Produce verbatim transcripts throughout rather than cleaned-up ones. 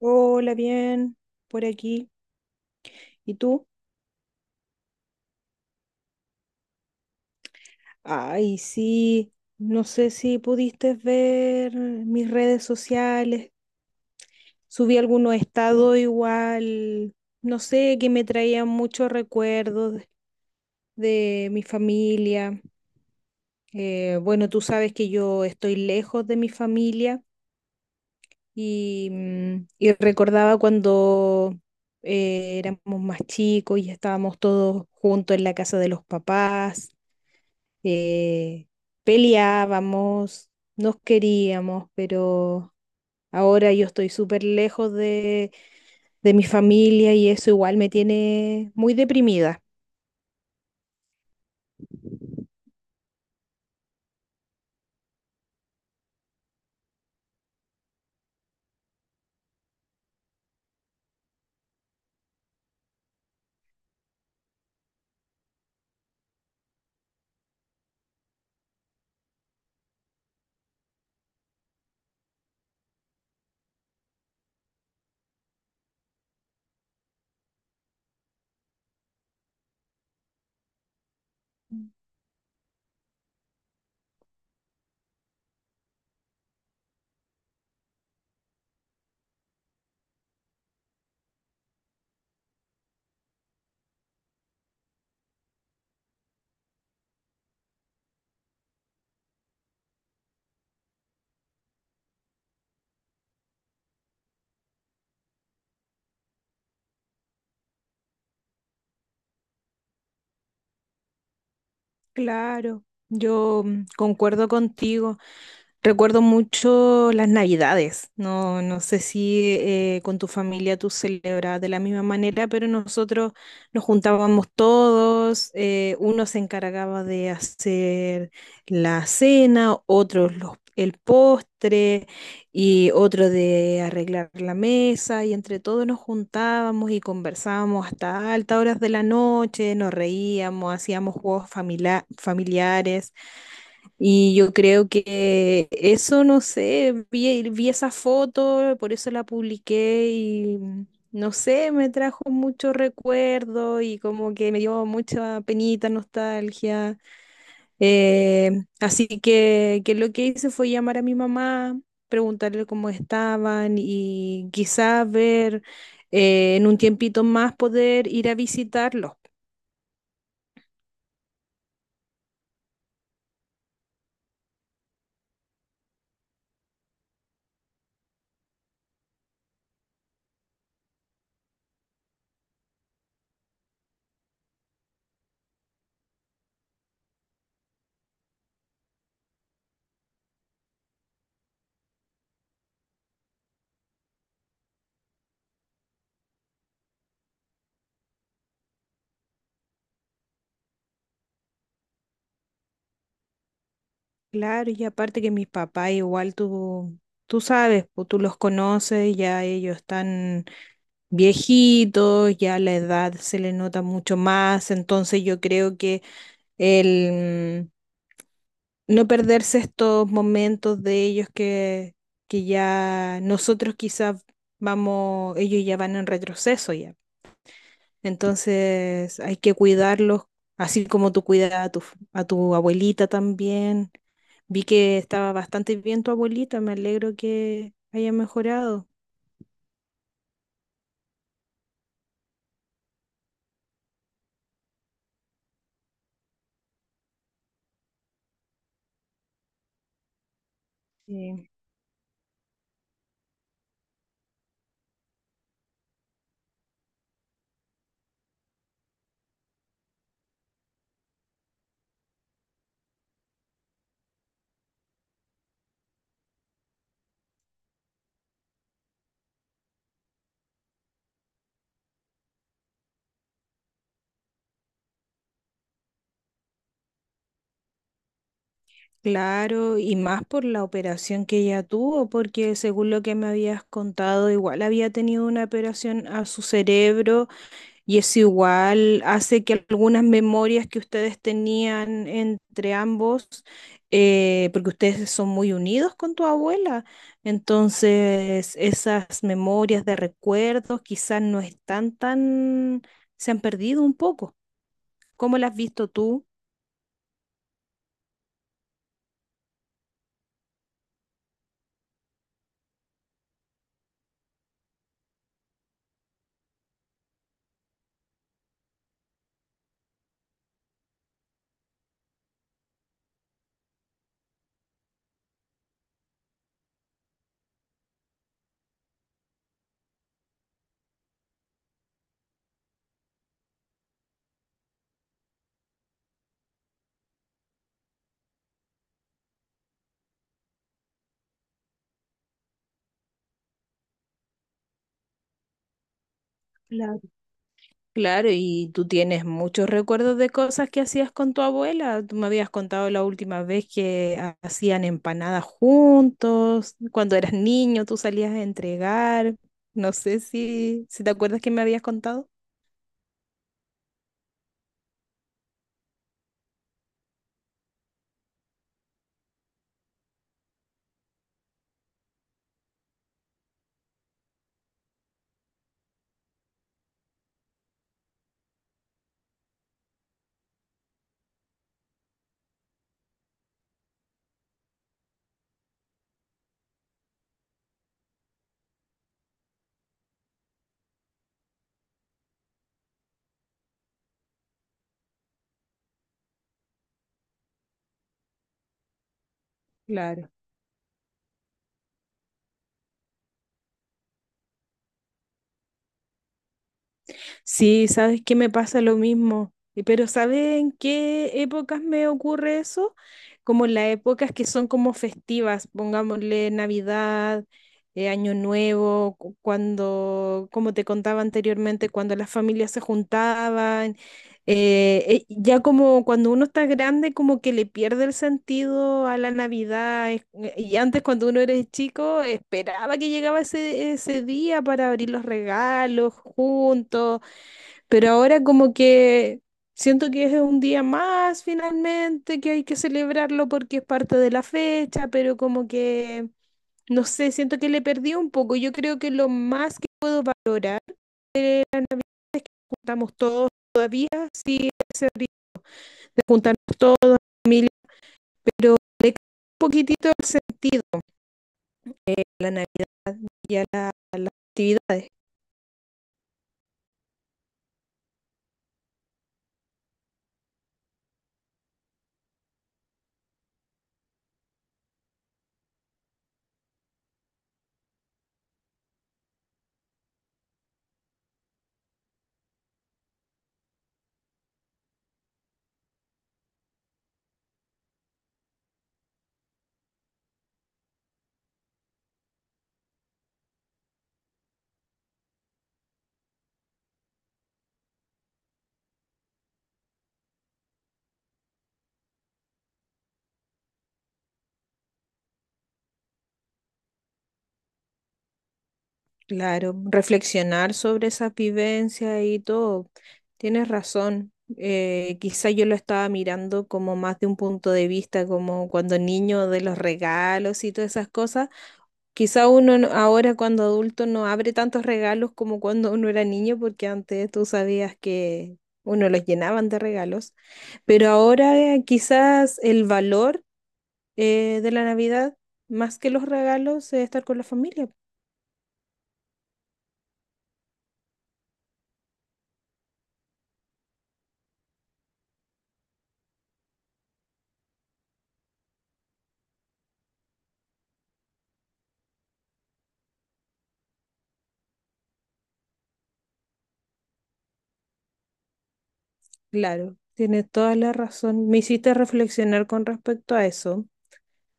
Hola, bien, por aquí. ¿Y tú? Ay, sí, no sé si pudiste ver mis redes sociales. Subí algunos estados igual, no sé, que me traían muchos recuerdos de mi familia. Eh, bueno, tú sabes que yo estoy lejos de mi familia y, mm, y recordaba cuando eh, éramos más chicos y estábamos todos juntos en la casa de los papás, eh, peleábamos, nos queríamos, pero ahora yo estoy súper lejos de, de mi familia y eso igual me tiene muy deprimida. Claro, yo mm, concuerdo contigo. Recuerdo mucho las Navidades. No, no sé si eh, con tu familia tú celebras de la misma manera, pero nosotros nos juntábamos todos. Eh, uno se encargaba de hacer la cena, otros los, el postre y otro de arreglar la mesa. Y entre todos nos juntábamos y conversábamos hasta altas horas de la noche, nos reíamos, hacíamos juegos familia- familiares. Y yo creo que eso, no sé, vi, vi esa foto, por eso la publiqué y mm, no sé, me trajo mucho recuerdo y como que me dio mucha penita, nostalgia. Eh, Así que, que lo que hice fue llamar a mi mamá, preguntarle cómo estaban y quizás ver eh, en un tiempito más poder ir a visitarlos. Claro, y aparte que mis papás igual tú, tú sabes, pues, tú los conoces, ya ellos están viejitos, ya la edad se les nota mucho más, entonces yo creo que el mm, no perderse estos momentos de ellos que, que ya nosotros quizás vamos, ellos ya van en retroceso ya, entonces hay que cuidarlos, así como tú cuidas a tu, a tu abuelita también. Vi que estaba bastante bien tu abuelita, me alegro que haya mejorado. Sí. Claro, y más por la operación que ella tuvo, porque según lo que me habías contado, igual había tenido una operación a su cerebro. Y eso igual hace que algunas memorias que ustedes tenían entre ambos, eh, porque ustedes son muy unidos con tu abuela, entonces esas memorias de recuerdos quizás no están tan, se han perdido un poco. ¿Cómo las has visto tú? Claro, y tú tienes muchos recuerdos de cosas que hacías con tu abuela. Tú me habías contado la última vez que ha- hacían empanadas juntos, cuando eras niño tú salías a entregar. No sé si, si te acuerdas que me habías contado. Claro. Sí, sabes que me pasa lo mismo, Y- pero ¿sabes en qué épocas me ocurre eso? Como en las épocas que son como festivas, pongámosle Navidad, eh, Año Nuevo, cu- cuando, como te contaba anteriormente, cuando las familias se juntaban, eh, eh, ya como cuando uno está grande, como que le pierde el sentido a la Navidad, es- eh, y antes cuando uno era chico, esperaba que llegaba ese, ese día para abrir los regalos juntos, pero ahora como que siento que es un día más finalmente, que hay que celebrarlo porque es parte de la fecha, pero como que, no sé, siento que le perdí un poco. Yo creo que lo más que lograr, juntamos todos los días, sí, ese ri- de juntarnos familia, pero le cambia un poquitito el sentido eh, a la Navidad y a la- a las actividades. Claro, reflexionar sobre esa vivencia y todo. Tienes razón. Eh, quizá yo lo estaba mirando como más de un punto de vista, como cuando niño de los regalos y todas esas cosas. Quizá uno no- ahora cuando adulto no abre tantos regalos como cuando uno era niño, porque antes tú sabías que uno los llenaban de regalos. Pero ahora eh, quizás el valor eh, de la Navidad, más que los regalos, es estar con la familia. Claro, tienes toda la razón. Me hiciste reflexionar con respecto a eso,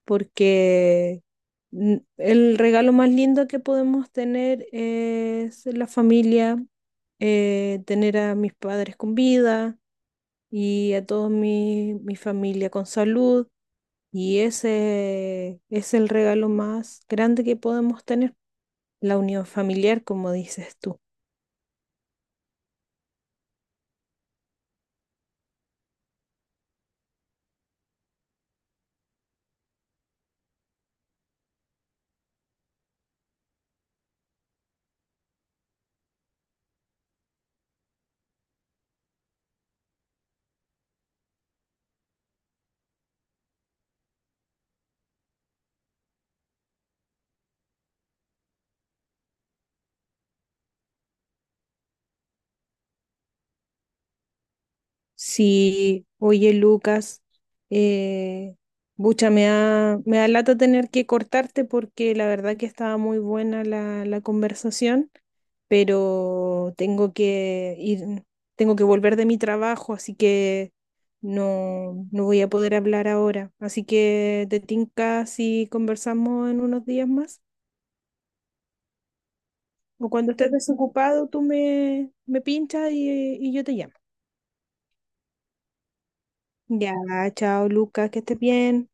porque n- el regalo más lindo que podemos tener es la familia, eh, tener a mis padres con vida y a toda mi, mi familia con salud. Y ese es el regalo más grande que podemos tener, la unión familiar, como dices tú. Sí, oye Lucas, eh, bucha, me da, me da lata tener que cortarte porque la verdad que estaba muy buena la, la conversación, pero tengo que ir, tengo que volver de mi trabajo, así que no, no voy a poder hablar ahora. Así que te tinca si conversamos en unos días más, o cuando estés desocupado, tú me, me pinchas y, y yo te llamo. Ya, chao Lucas, que estés bien.